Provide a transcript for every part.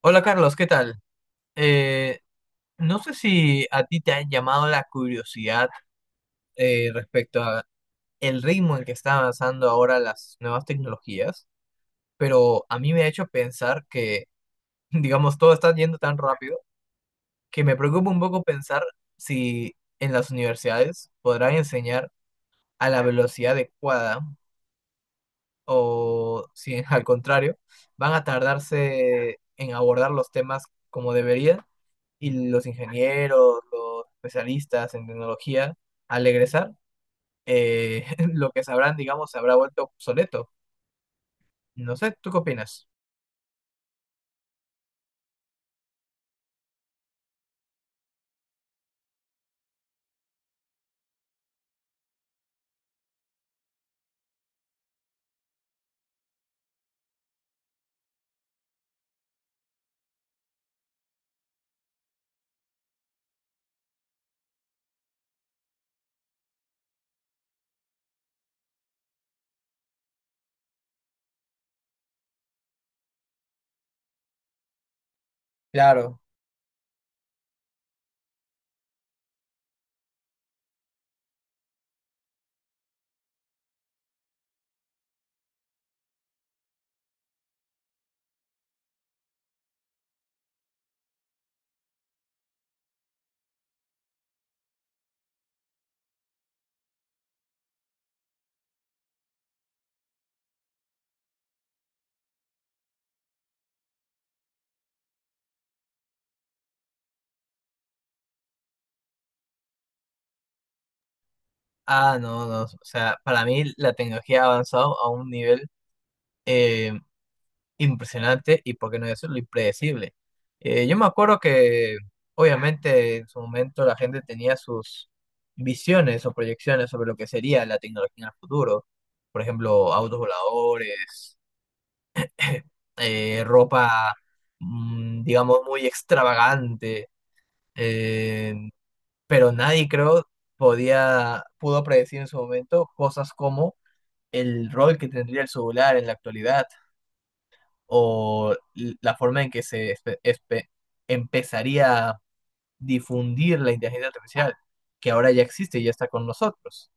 Hola Carlos, ¿qué tal? Eh, no sé si a ti te ha llamado la curiosidad respecto a el ritmo en que están avanzando ahora las nuevas tecnologías, pero a mí me ha hecho pensar que digamos, todo está yendo tan rápido que me preocupa un poco pensar si en las universidades podrán enseñar a la velocidad adecuada o si al contrario van a tardarse en abordar los temas como deberían, y los ingenieros, los especialistas en tecnología, al egresar, eh, lo que sabrán, digamos, se habrá vuelto obsoleto. No sé, ¿tú qué opinas? Claro. No, no, o sea, para mí la tecnología ha avanzado a un nivel eh, impresionante y, por qué no decirlo, impredecible. Yo me acuerdo que, obviamente, en su momento la gente tenía sus visiones o proyecciones sobre lo que sería la tecnología en el futuro. Por ejemplo, autos voladores, ropa, digamos, muy extravagante, eh, pero nadie creo pudo predecir en su momento cosas como el rol que tendría el celular en la actualidad o la forma en que empezaría a difundir la inteligencia artificial, que ahora ya existe y ya está con nosotros.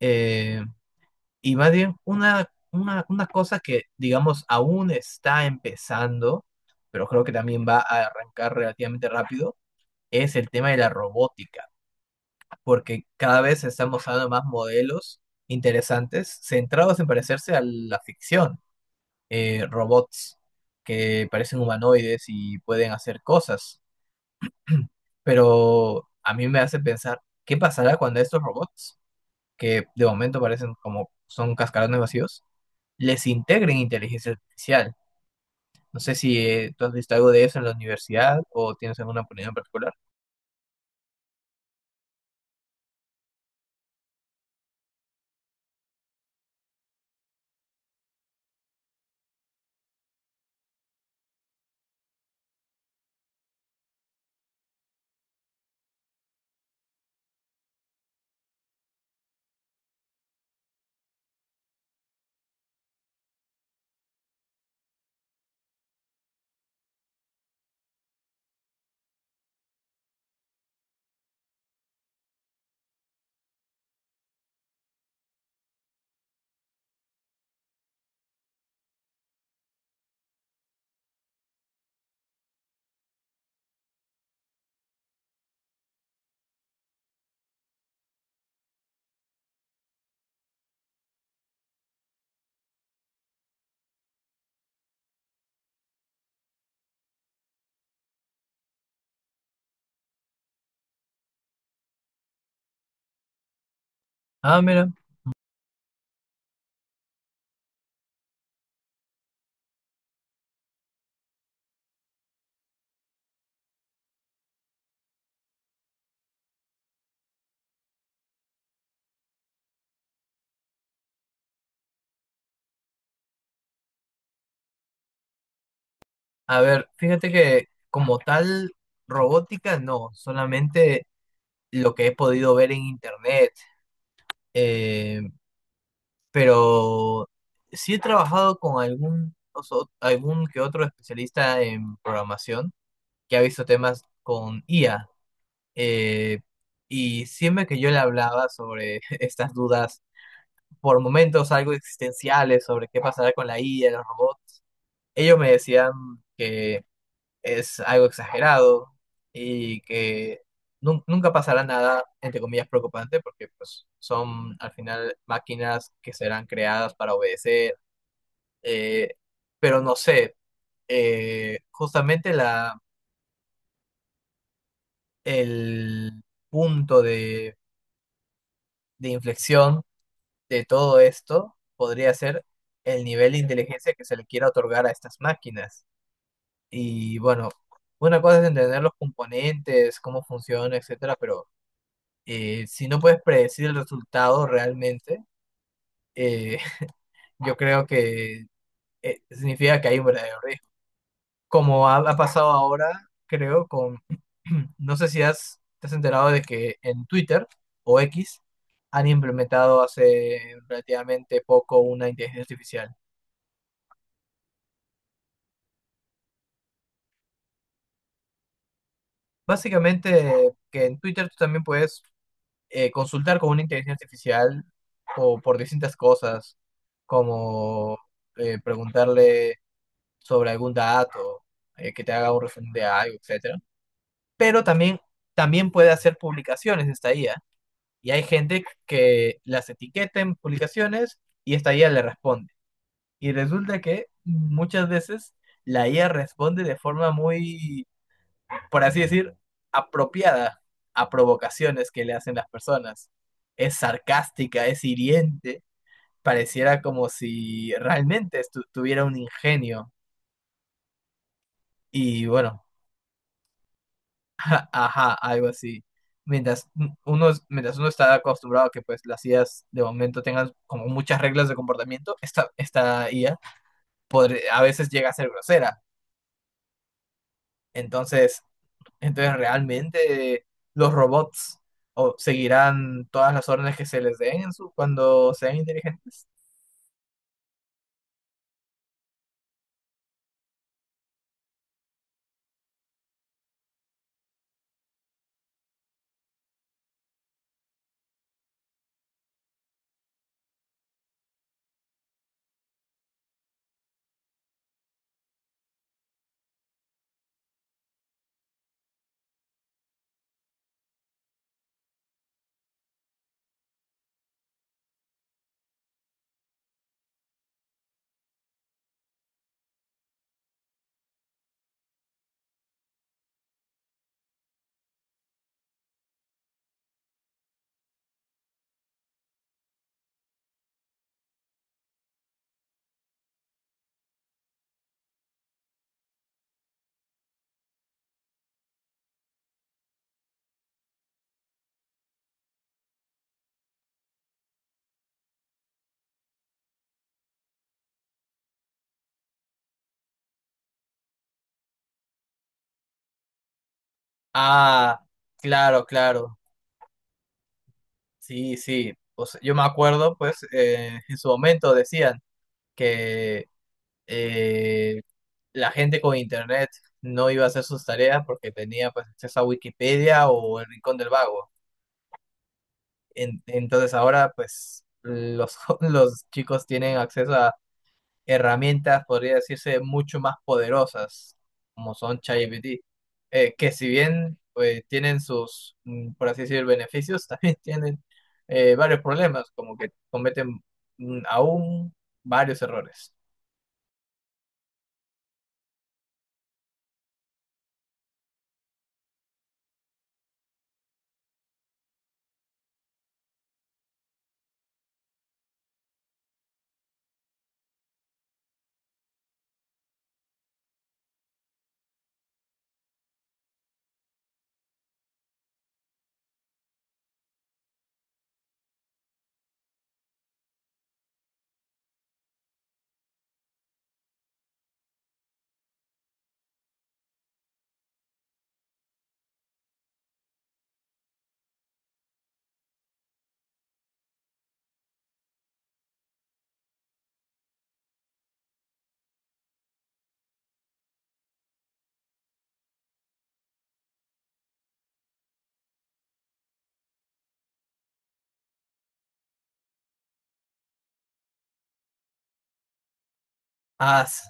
Eh, Y más bien, una cosa que, digamos, aún está empezando, pero creo que también va a arrancar relativamente rápido, es el tema de la robótica, porque cada vez se están mostrando más modelos interesantes centrados en parecerse a la ficción, robots que parecen humanoides y pueden hacer cosas, pero a mí me hace pensar, ¿qué pasará cuando estos robots, que de momento parecen como son cascarones vacíos, les integren inteligencia artificial? No sé si tú has visto algo de eso en la universidad o tienes alguna opinión en particular. Ah, mira, a ver, fíjate que como tal robótica no, solamente lo que he podido ver en internet, eh, pero sí he trabajado con algún que otro especialista en programación que ha visto temas con IA. eh, y siempre que yo le hablaba sobre estas dudas por momentos algo existenciales sobre qué pasará con la IA, los robots, ellos me decían que es algo exagerado y que nunca pasará nada, entre comillas, preocupante, porque pues son al final máquinas que serán creadas para obedecer, eh, pero no sé, justamente el punto de inflexión de todo esto podría ser el nivel de inteligencia que se le quiera otorgar a estas máquinas. Y bueno, una cosa es entender los componentes, cómo funciona, etcétera, pero si no puedes predecir el resultado realmente, eh, yo creo que significa que hay un verdadero riesgo. Como ha pasado ahora, creo, no sé si te has enterado de que en Twitter o X han implementado hace relativamente poco una inteligencia artificial. Básicamente, que en Twitter tú también puedes consultar con una inteligencia artificial o por distintas cosas, como preguntarle sobre algún dato, que te haga un resumen de algo, etcétera. Pero también, también puede hacer publicaciones esta IA. Y hay gente que las etiqueta en publicaciones y esta IA le responde. Y resulta que muchas veces la IA responde de forma muy, por así decir, apropiada a provocaciones que le hacen las personas. Es sarcástica, es hiriente, pareciera como si realmente tuviera un ingenio. Y bueno, a- ajá, algo así. Mientras mientras uno está acostumbrado a que pues las IAs de momento tengan como muchas reglas de comportamiento, esta IA a veces llega a ser grosera. Entonces, Entonces, realmente los robots o, seguirán todas las órdenes que se les den en cuando sean inteligentes. Ah, claro, claro. Sí, sí. Pues, yo me acuerdo, pues, en su momento decían que eh, la gente con internet no iba a hacer sus tareas porque tenía pues acceso a Wikipedia o el Rincón del Vago. Entonces ahora, pues, los, los chicos tienen acceso a herramientas, podría decirse, mucho más poderosas, como son ChatGPT, que si bien tienen sus, por así decir, beneficios, también tienen varios problemas, como que cometen aún varios errores. Ah, s-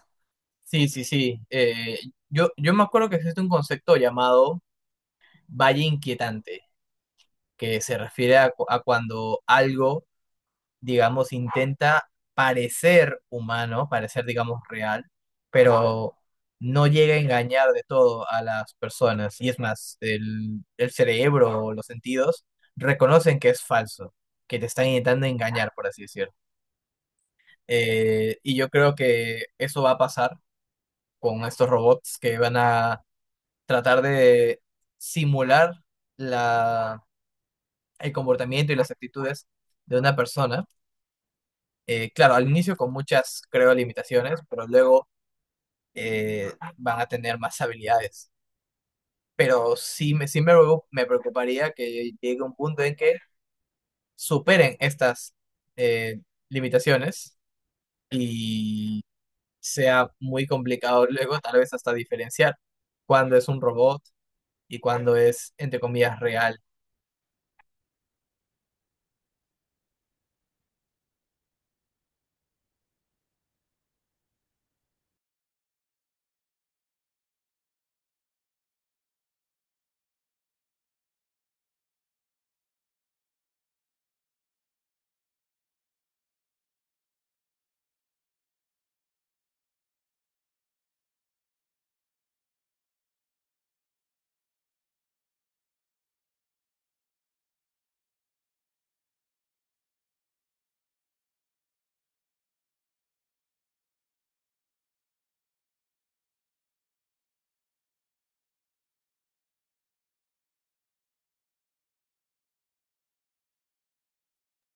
sí, sí, sí. Yo me acuerdo que existe un concepto llamado valle inquietante, que se refiere a, a cuando algo digamos, intenta parecer humano, parecer, digamos, real, pero no llega a engañar de todo a las personas. Y es más, el cerebro o los sentidos reconocen que es falso, que te están intentando engañar, por así decirlo. Y yo creo que eso va a pasar con estos robots que van a tratar de simular la, el comportamiento y las actitudes de una persona. Claro, al inicio con muchas, creo, limitaciones, pero luego eh, van a tener más habilidades. Pero sí, me preocuparía que llegue un punto en que superen estas eh, limitaciones y sea muy complicado luego tal vez hasta diferenciar cuándo es un robot y cuándo es, entre comillas, real.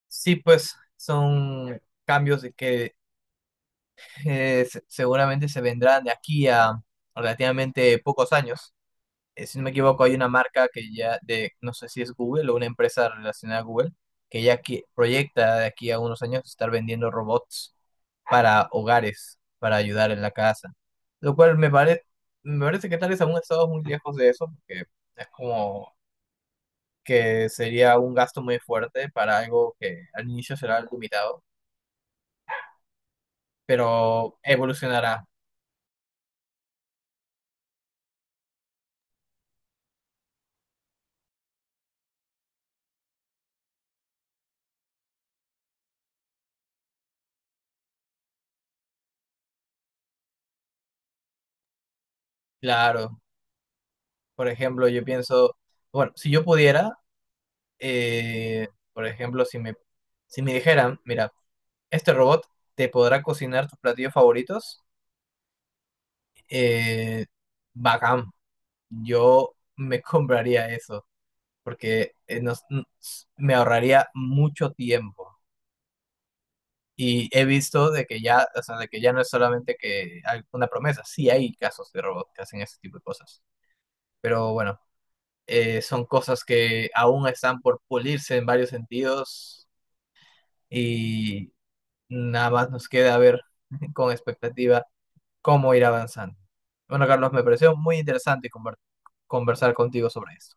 Sí, pues son cambios de que seguramente se vendrán de aquí a relativamente pocos años. Si no me equivoco, hay una marca que ya, de, no sé si es Google o una empresa relacionada a Google, que ya proyecta de aquí a unos años estar vendiendo robots para hogares, para ayudar en la casa. Lo cual me parece que tal vez aún estamos muy lejos de eso, porque es como que sería un gasto muy fuerte para algo que al inicio será limitado, pero evolucionará. Claro, por ejemplo, yo pienso, bueno, si yo pudiera por ejemplo, si me dijeran, mira, este robot te podrá cocinar tus platillos favoritos, eh, bacán, yo me compraría eso, porque me ahorraría mucho tiempo. Y he visto de que ya, o sea, de que ya no es solamente que hay una promesa, sí hay casos de robots que hacen ese tipo de cosas. Pero bueno, son cosas que aún están por pulirse en varios sentidos, y nada más nos queda ver con expectativa cómo ir avanzando. Bueno, Carlos, me pareció muy interesante conversar contigo sobre esto.